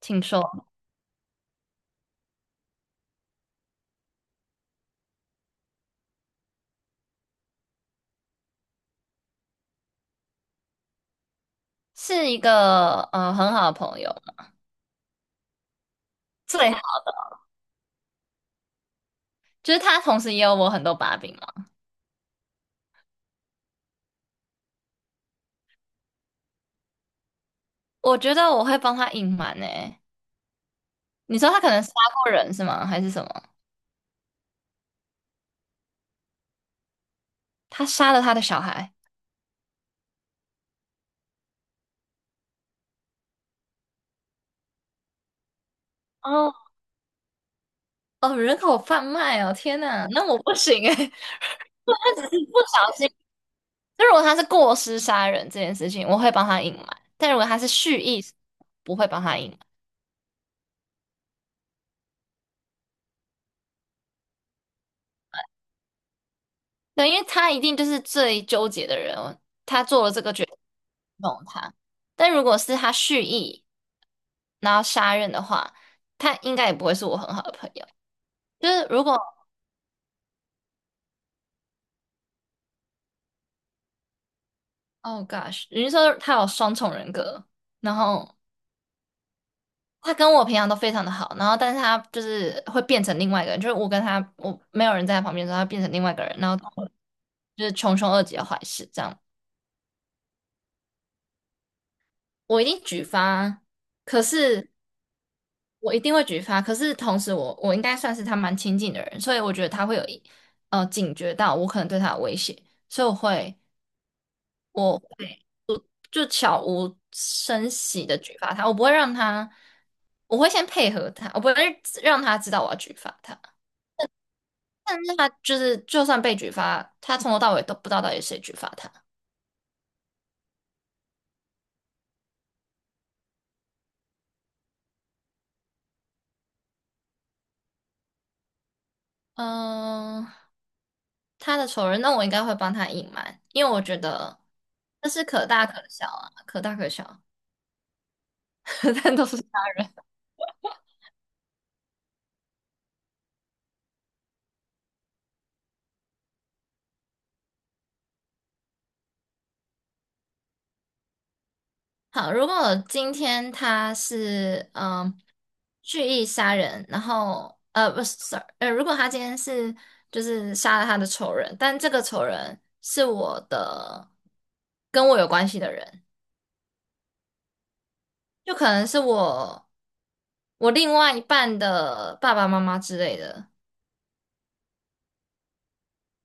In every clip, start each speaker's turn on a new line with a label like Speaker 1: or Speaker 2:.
Speaker 1: 听说是一个很好的朋友，最好就是他同时也有我很多把柄嘛。我觉得我会帮他隐瞒诶。你说他可能杀过人是吗？还是什么？他杀了他的小孩？哦哦，人口贩卖哦！天呐，那我不行诶。他只是不小心。就如果他是过失杀人这件事情，我会帮他隐瞒；但如果他是蓄意，不会帮他隐瞒。对，因为他一定就是最纠结的人，他做了这个决定弄他。但如果是他蓄意，然后杀人的话，他应该也不会是我很好的朋友。就是如果，Oh gosh，你是说他有双重人格，然后他跟我平常都非常的好，然后但是他就是会变成另外一个人，就是我跟他，我没有人在他旁边的时候，他变成另外一个人，然后就是穷凶恶极的坏事这样，我一定举发。可是我一定会举发，可是同时我应该算是他蛮亲近的人，所以我觉得他会有一警觉到我可能对他有威胁，所以我就悄无声息的举发他，我不会让他，我会先配合他，我不会让他知道我要举发他。但是他就是就算被举发，他从头到尾都不知道到底谁举发他。嗯、他的仇人，那我应该会帮他隐瞒，因为我觉得这是可大可小啊，可大可小，但都是他。好，如果今天他是蓄意杀人，然后不是，sorry，如果他今天是就是杀了他的仇人，但这个仇人是我的跟我有关系的人，就可能是我另外一半的爸爸妈妈之类的。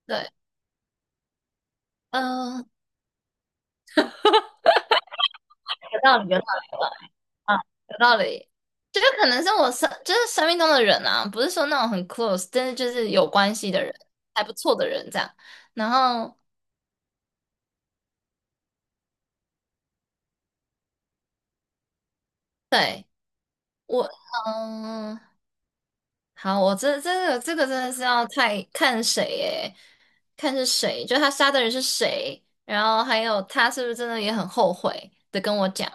Speaker 1: 对，嗯、有道理，有嗯，有道理。这就是可能是我生，就是生命中的人啊，不是说那种很 close，但是就是有关系的人，还不错的人这样。然后，对，我，嗯，好，我这个真的是要太看谁诶，看是谁，就他杀的人是谁，然后还有他是不是真的也很后悔的跟我讲。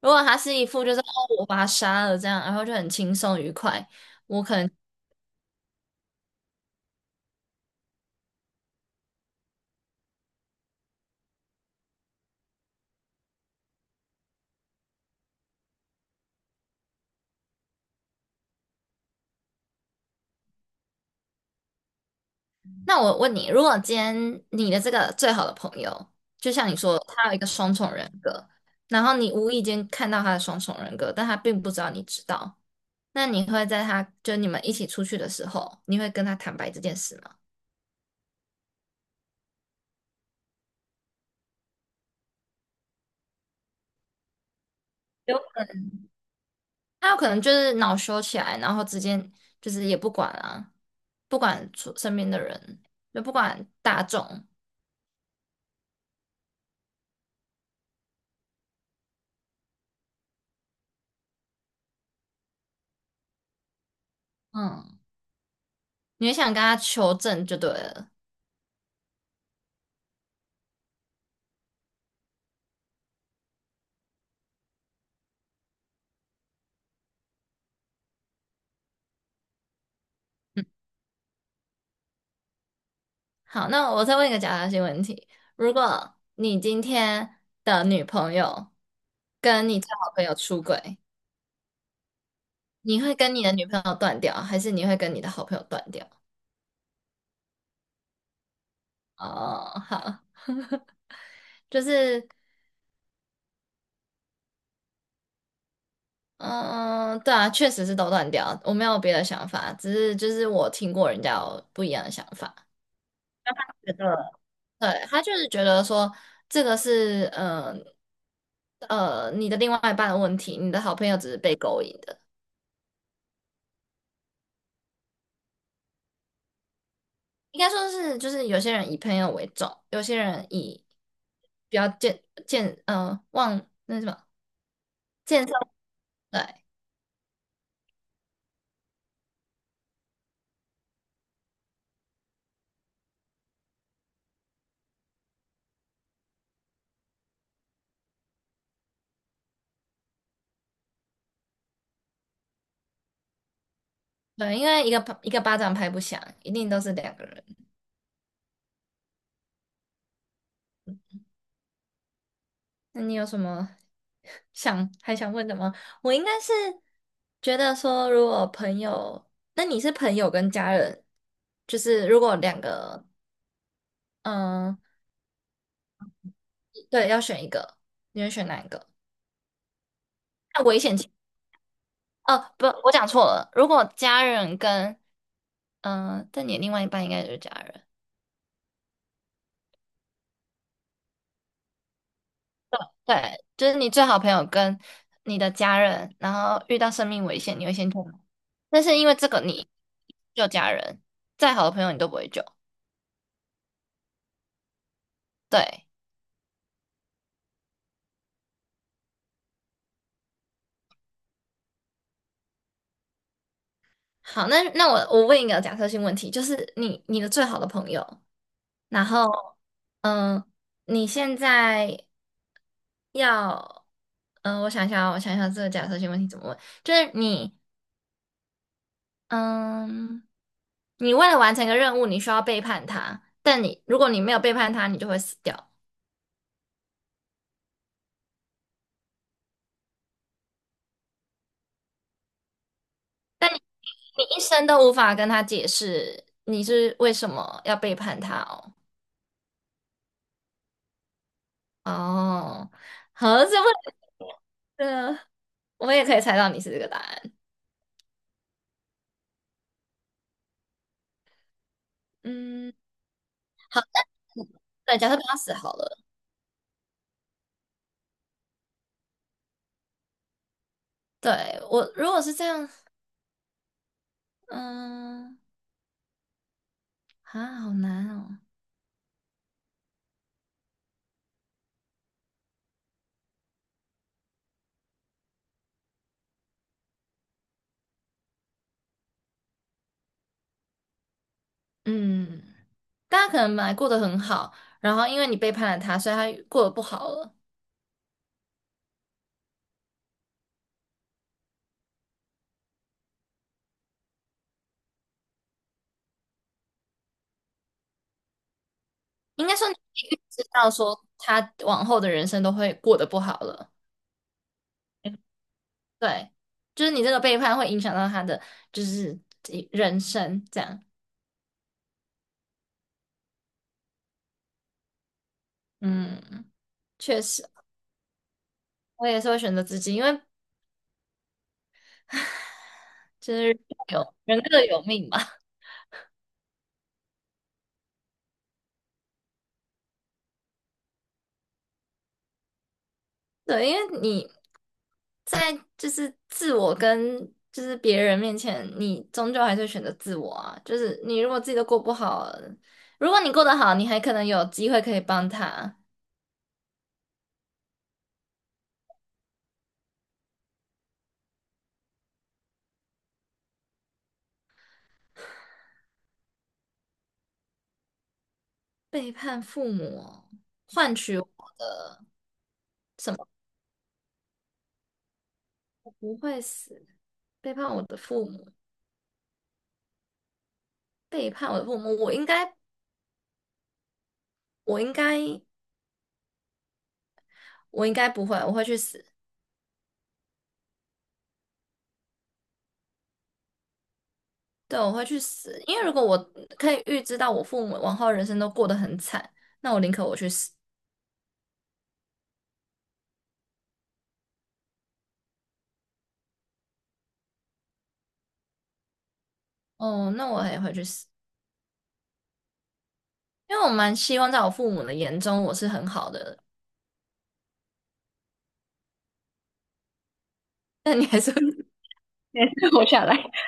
Speaker 1: 如果他是一副就是哦，我把他杀了这样，然后就很轻松愉快。我可能。那我问你，如果今天你的这个最好的朋友，就像你说，他有一个双重人格，然后你无意间看到他的双重人格，但他并不知道你知道，那你会在他就你们一起出去的时候，你会跟他坦白这件事吗？有，他有可能就是恼羞起来，然后直接就是也不管啊，不管出身边的人，就不管大众，嗯，你会想跟他求证就对了。好，那我再问一个假设性问题：如果你今天的女朋友跟你的好的朋友出轨，你会跟你的女朋友断掉，还是你会跟你的好朋友断掉？哦，好，就是，嗯，对啊，确实是都断掉，我没有别的想法，只是就是我听过人家有不一样的想法，觉得对，他就是觉得说这个是，嗯、呃，你的另外一半的问题，你的好朋友只是被勾引的。应该说是，就是有些人以朋友为重，有些人以比较健忘那什么健身，对对，因为一个巴一个巴掌拍不响，一定都是两个人。那你有什么 想还想问的吗？我应该是觉得说，如果朋友，那你是朋友跟家人，就是如果两个，嗯、对，要选一个，你会选哪一个？那危险情，哦，不，我讲错了，如果家人跟嗯，但你另外一半应该就是家人，对，就是你最好朋友跟你的家人，然后遇到生命危险，你会先救吗？但是因为这个你救家人，再好的朋友你都不会救。对，好，那我问一个假设性问题，就是你你的最好的朋友，然后嗯，你现在要嗯，我想一下哦我想一下这个假设性问题怎么问，就是你。嗯，你为了完成一个任务，你需要背叛他，但你如果你没有背叛他，你就会死掉。你一生都无法跟他解释你是为什么要背叛他哦。哦，好，这么了，这我也可以猜到你是这个答案。嗯，好，对，假设他死好了，对，我如果是这样，嗯，啊，好难哦。嗯，大家可能本来过得很好，然后因为你背叛了他，所以他过得不好了。应该说你已经知道说他往后的人生都会过得不好了。嗯对，就是你这个背叛会影响到他的就是人生这样。嗯，确实，我也是会选择自己，因为就是有人各有命嘛。对，因为你在就是自我跟就是别人面前，你终究还是会选择自我啊。就是你如果自己都过不好，如果你过得好，你还可能有机会可以帮他。背叛父母，换取我不会死，背叛我的父母，背叛我的父母，我应该，我应该，我应该不会，我会去死，对，我会去死，因为如果我可以预知到我父母往后人生都过得很惨，那我宁可我去死，哦，那我也会去死，因为我蛮希望在我父母的眼中我是很好的人，但你还是会 还是活下来。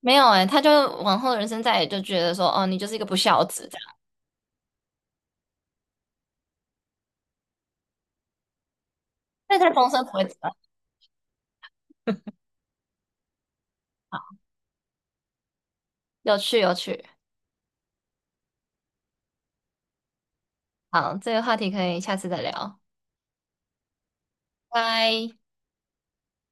Speaker 1: 没有哎、他就往后的人生再也就觉得说，哦，你就是一个不孝子这样，但他终身不会知道有趣有趣。好，这个话题可以下次再聊，拜。